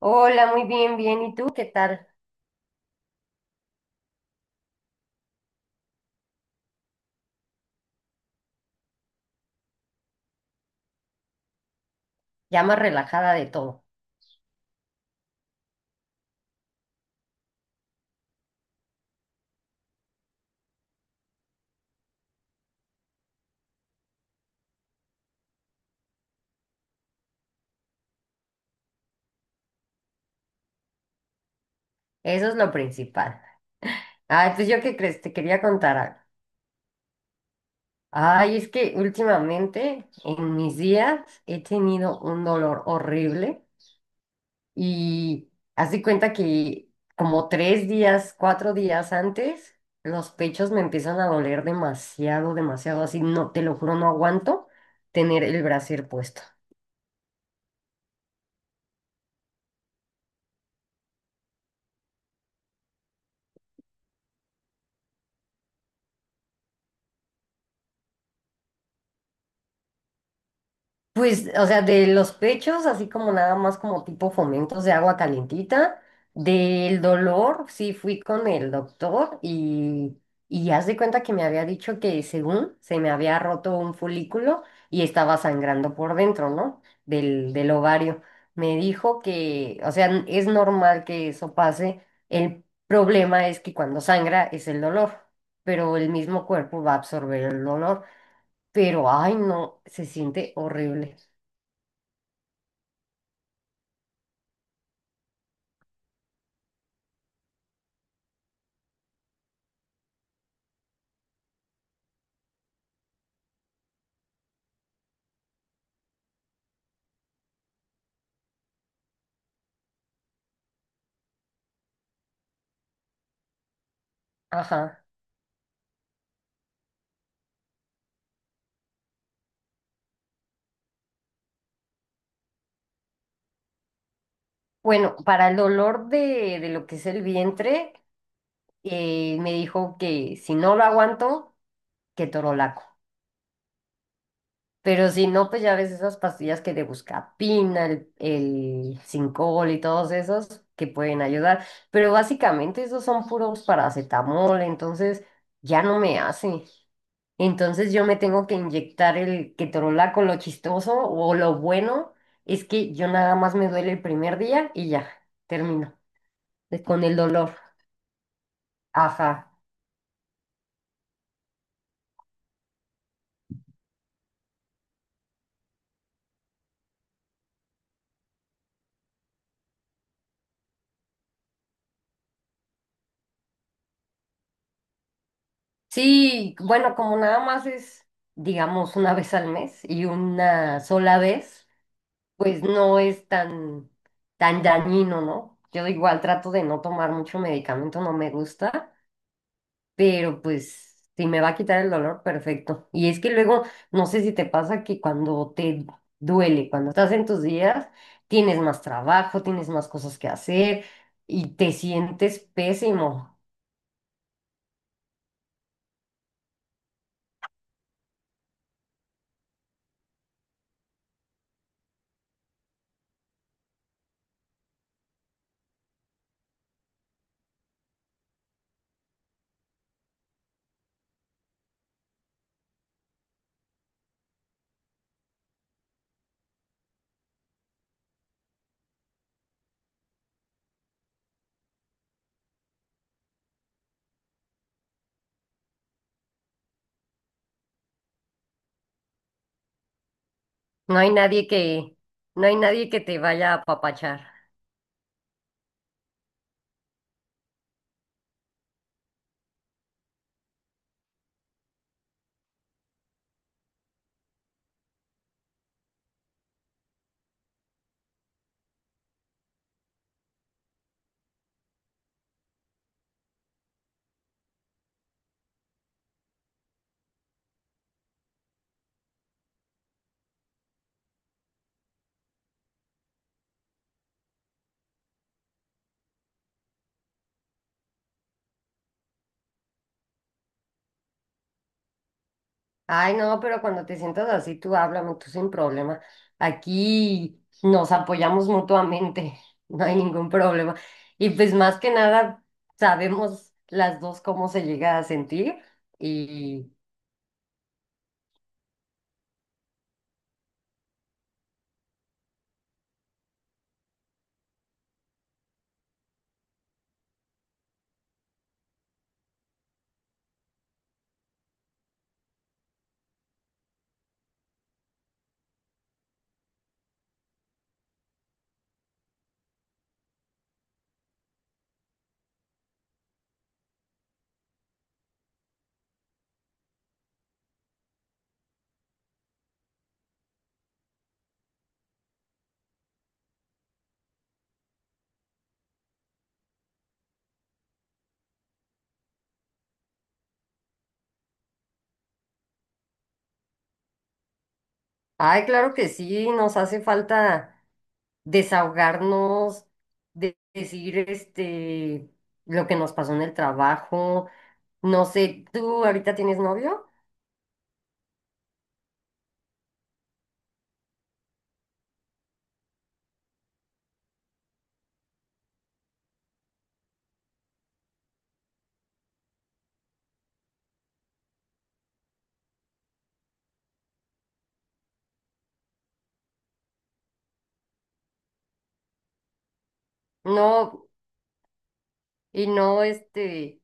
Hola, muy bien, bien. ¿Y tú qué tal? Ya más relajada de todo. Eso es lo principal. Ay, pues yo qué crees, te quería contar algo. Ay, es que últimamente en mis días he tenido un dolor horrible y haz de cuenta que como tres días, cuatro días antes, los pechos me empiezan a doler demasiado, demasiado. Así no, te lo juro, no aguanto tener el brasier puesto. Pues, o sea, de los pechos, así como nada más como tipo fomentos de agua calientita, del dolor, sí fui con el doctor y haz de cuenta que me había dicho que según se me había roto un folículo y estaba sangrando por dentro, ¿no? Del ovario. Me dijo que, o sea, es normal que eso pase. El problema es que cuando sangra es el dolor, pero el mismo cuerpo va a absorber el dolor. Pero, ay, no, se siente horrible. Ajá. Bueno, para el dolor de lo que es el vientre, me dijo que si no lo aguanto, que torolaco. Pero si no, pues ya ves esas pastillas que de buscapina, el Sincol y todos esos que pueden ayudar. Pero básicamente esos son puros paracetamol, entonces ya no me hace. Entonces yo me tengo que inyectar el ketorolaco, lo chistoso o lo bueno es que yo nada más me duele el primer día y ya, termino con el dolor. Ajá. Sí, bueno, como nada más es, digamos, una vez al mes y una sola vez, pues no es tan, tan dañino, ¿no? Yo igual trato de no tomar mucho medicamento, no me gusta, pero pues si me va a quitar el dolor, perfecto. Y es que luego, no sé si te pasa que cuando te duele, cuando estás en tus días, tienes más trabajo, tienes más cosas que hacer y te sientes pésimo. No hay nadie que, no hay nadie que te vaya a apapachar. Ay, no, pero cuando te sientas así, tú háblame, tú sin problema. Aquí nos apoyamos mutuamente, no hay ningún problema. Y pues más que nada, sabemos las dos cómo se llega a sentir. Y, ay, claro que sí, nos hace falta desahogarnos, decir este, lo que nos pasó en el trabajo. No sé, ¿tú ahorita tienes novio? No. Y no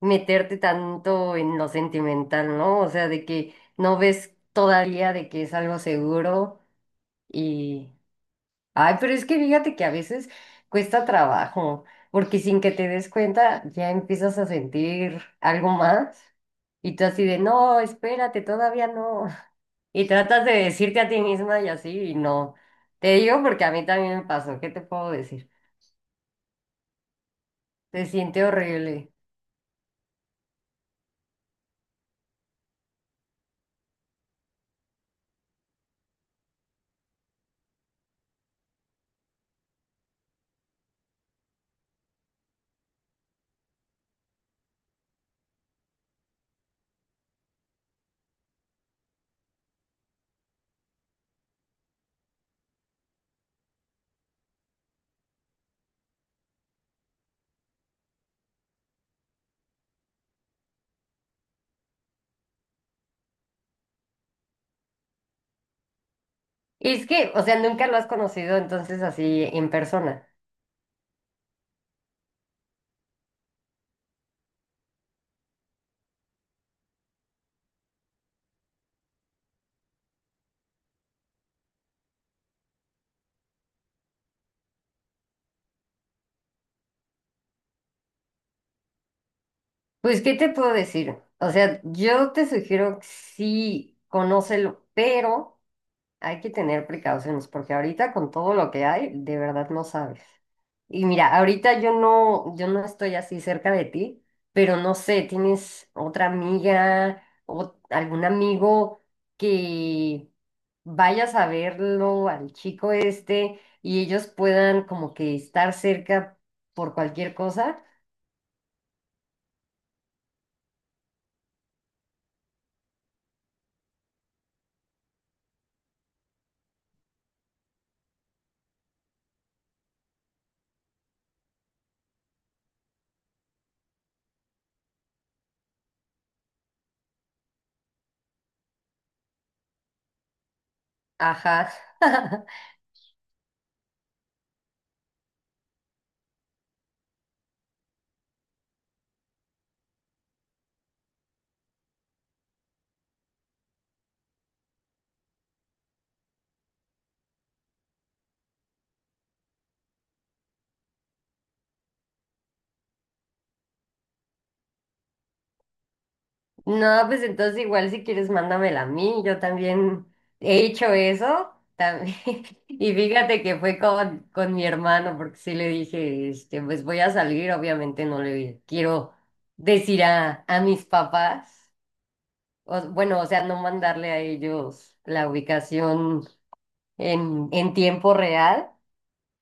meterte tanto en lo sentimental, ¿no? O sea, de que no ves todavía de que es algo seguro y ay, pero es que fíjate que a veces cuesta trabajo, porque sin que te des cuenta ya empiezas a sentir algo más y tú así de no, espérate, todavía no. Y tratas de decirte a ti misma y así y no. Te digo porque a mí también me pasó, ¿qué te puedo decir? Se siente horrible. Y es que, o sea, nunca lo has conocido entonces así en persona. Pues, ¿qué te puedo decir? O sea, yo te sugiero que sí, conócelo, pero hay que tener precauciones porque ahorita con todo lo que hay, de verdad no sabes. Y mira, ahorita yo no estoy así cerca de ti, pero no sé, ¿tienes otra amiga o algún amigo que vayas a verlo al chico este y ellos puedan como que estar cerca por cualquier cosa? Ajá. No, pues entonces igual si quieres mándamela a mí, yo también he hecho eso también. Y fíjate que fue con mi hermano, porque sí le dije, este, pues voy a salir, obviamente no le quiero decir a mis papás, o- bueno, o sea, no mandarle a ellos la ubicación en tiempo real,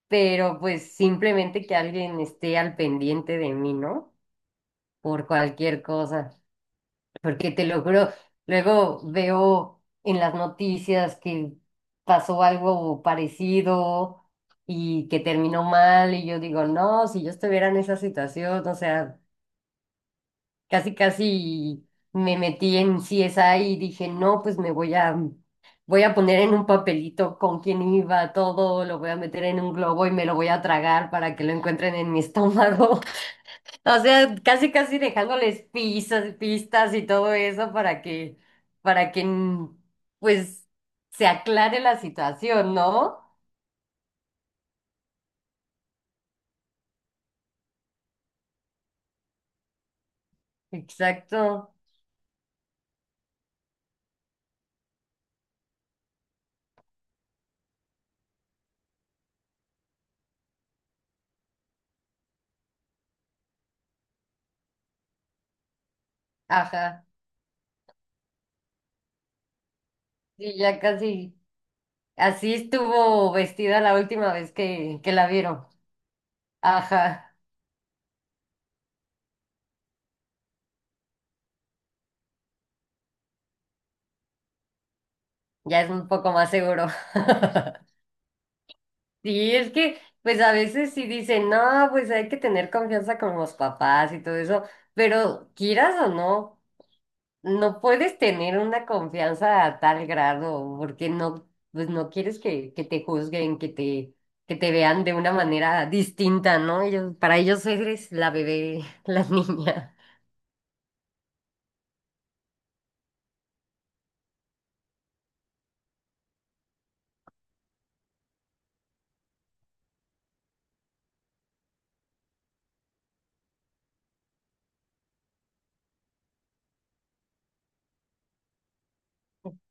pero pues simplemente que alguien esté al pendiente de mí, ¿no? Por cualquier cosa. Porque te lo juro, luego veo en las noticias que pasó algo parecido y que terminó mal y yo digo, no, si yo estuviera en esa situación, o sea, casi casi me metí en CSI y dije, no, pues me voy a, voy a poner en un papelito con quién iba todo, lo voy a meter en un globo y me lo voy a tragar para que lo encuentren en mi estómago. O sea, casi casi dejándoles pistas, pistas y todo eso para que, para que, pues, se aclare la situación, ¿no? Exacto. Ajá. Sí, ya casi. Así estuvo vestida la última vez que la vieron. Ajá. Ya es un poco más seguro. Sí, es que, pues a veces sí dicen, no, pues hay que tener confianza con los papás y todo eso, pero quieras o no. No puedes tener una confianza a tal grado, porque no, pues no quieres que te juzguen, que te vean de una manera distinta, ¿no? Ellos, para ellos eres la bebé, la niña.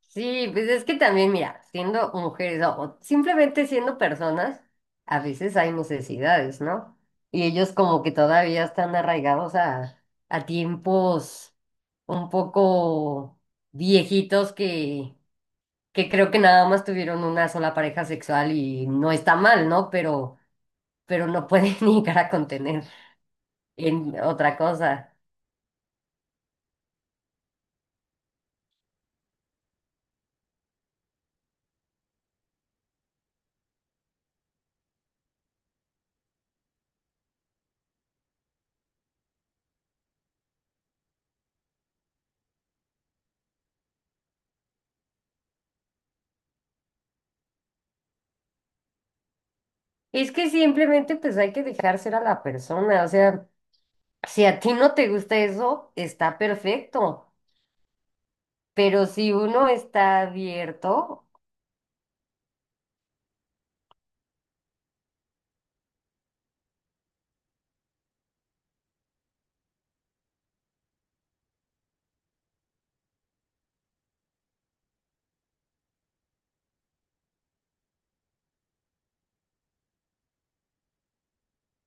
Sí, pues es que también, mira, siendo mujeres o simplemente siendo personas, a veces hay necesidades, ¿no? Y ellos como que todavía están arraigados a tiempos un poco viejitos que creo que nada más tuvieron una sola pareja sexual y no está mal, ¿no? Pero no pueden llegar a contener en otra cosa. Es que simplemente pues hay que dejar ser a la persona, o sea, si a ti no te gusta eso, está perfecto, pero si uno está abierto.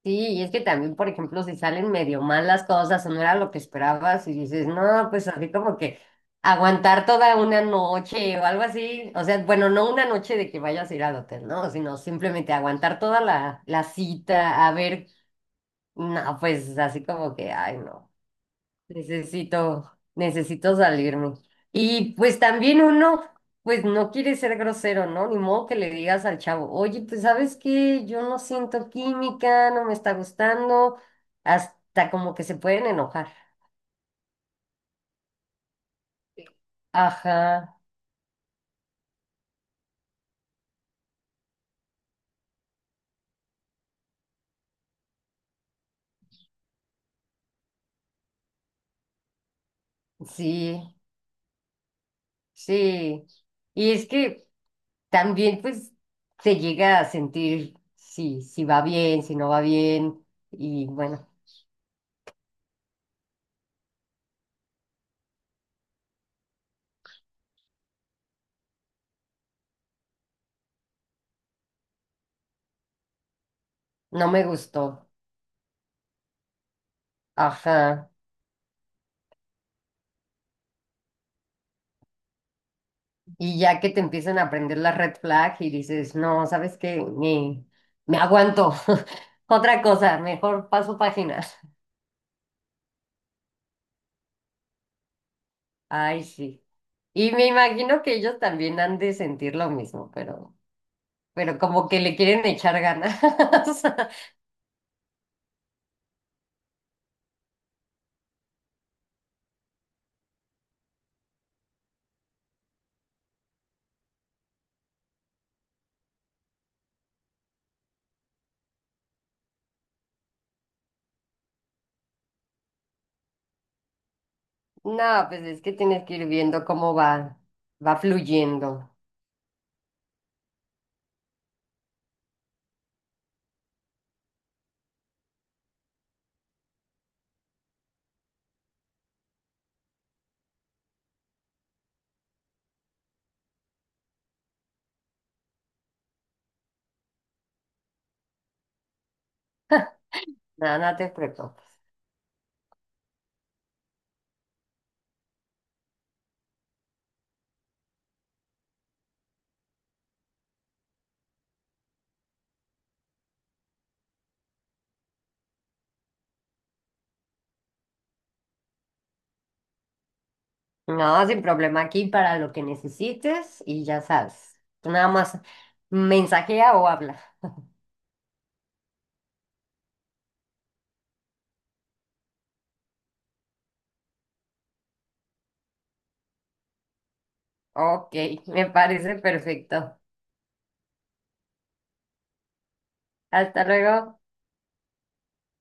Sí, y es que también, por ejemplo, si salen medio mal las cosas o no era lo que esperabas y dices, no, pues así como que aguantar toda una noche o algo así, o sea, bueno, no una noche de que vayas a ir al hotel, ¿no? Sino simplemente aguantar toda la, la cita, a ver, no, pues así como que, ay, no. Necesito, necesito salirme. Y pues también uno, pues no quiere ser grosero, ¿no? Ni modo que le digas al chavo, oye, pues sabes qué, yo no siento química, no me está gustando, hasta como que se pueden enojar. Ajá, sí, sí. Y es que también pues se llega a sentir si, si va bien, si no va bien, y bueno, no me gustó. Ajá. Y ya que te empiezan a aprender la red flag y dices, no, ¿sabes qué? Me aguanto. Otra cosa, mejor paso páginas. Ay, sí. Y me imagino que ellos también han de sentir lo mismo, pero como que le quieren echar ganas. No, pues es que tienes que ir viendo cómo va, va fluyendo. Nada, no te preocupes. No, sin problema aquí para lo que necesites y ya sabes. Tú nada más mensajea o habla. Ok, me parece perfecto. Hasta luego.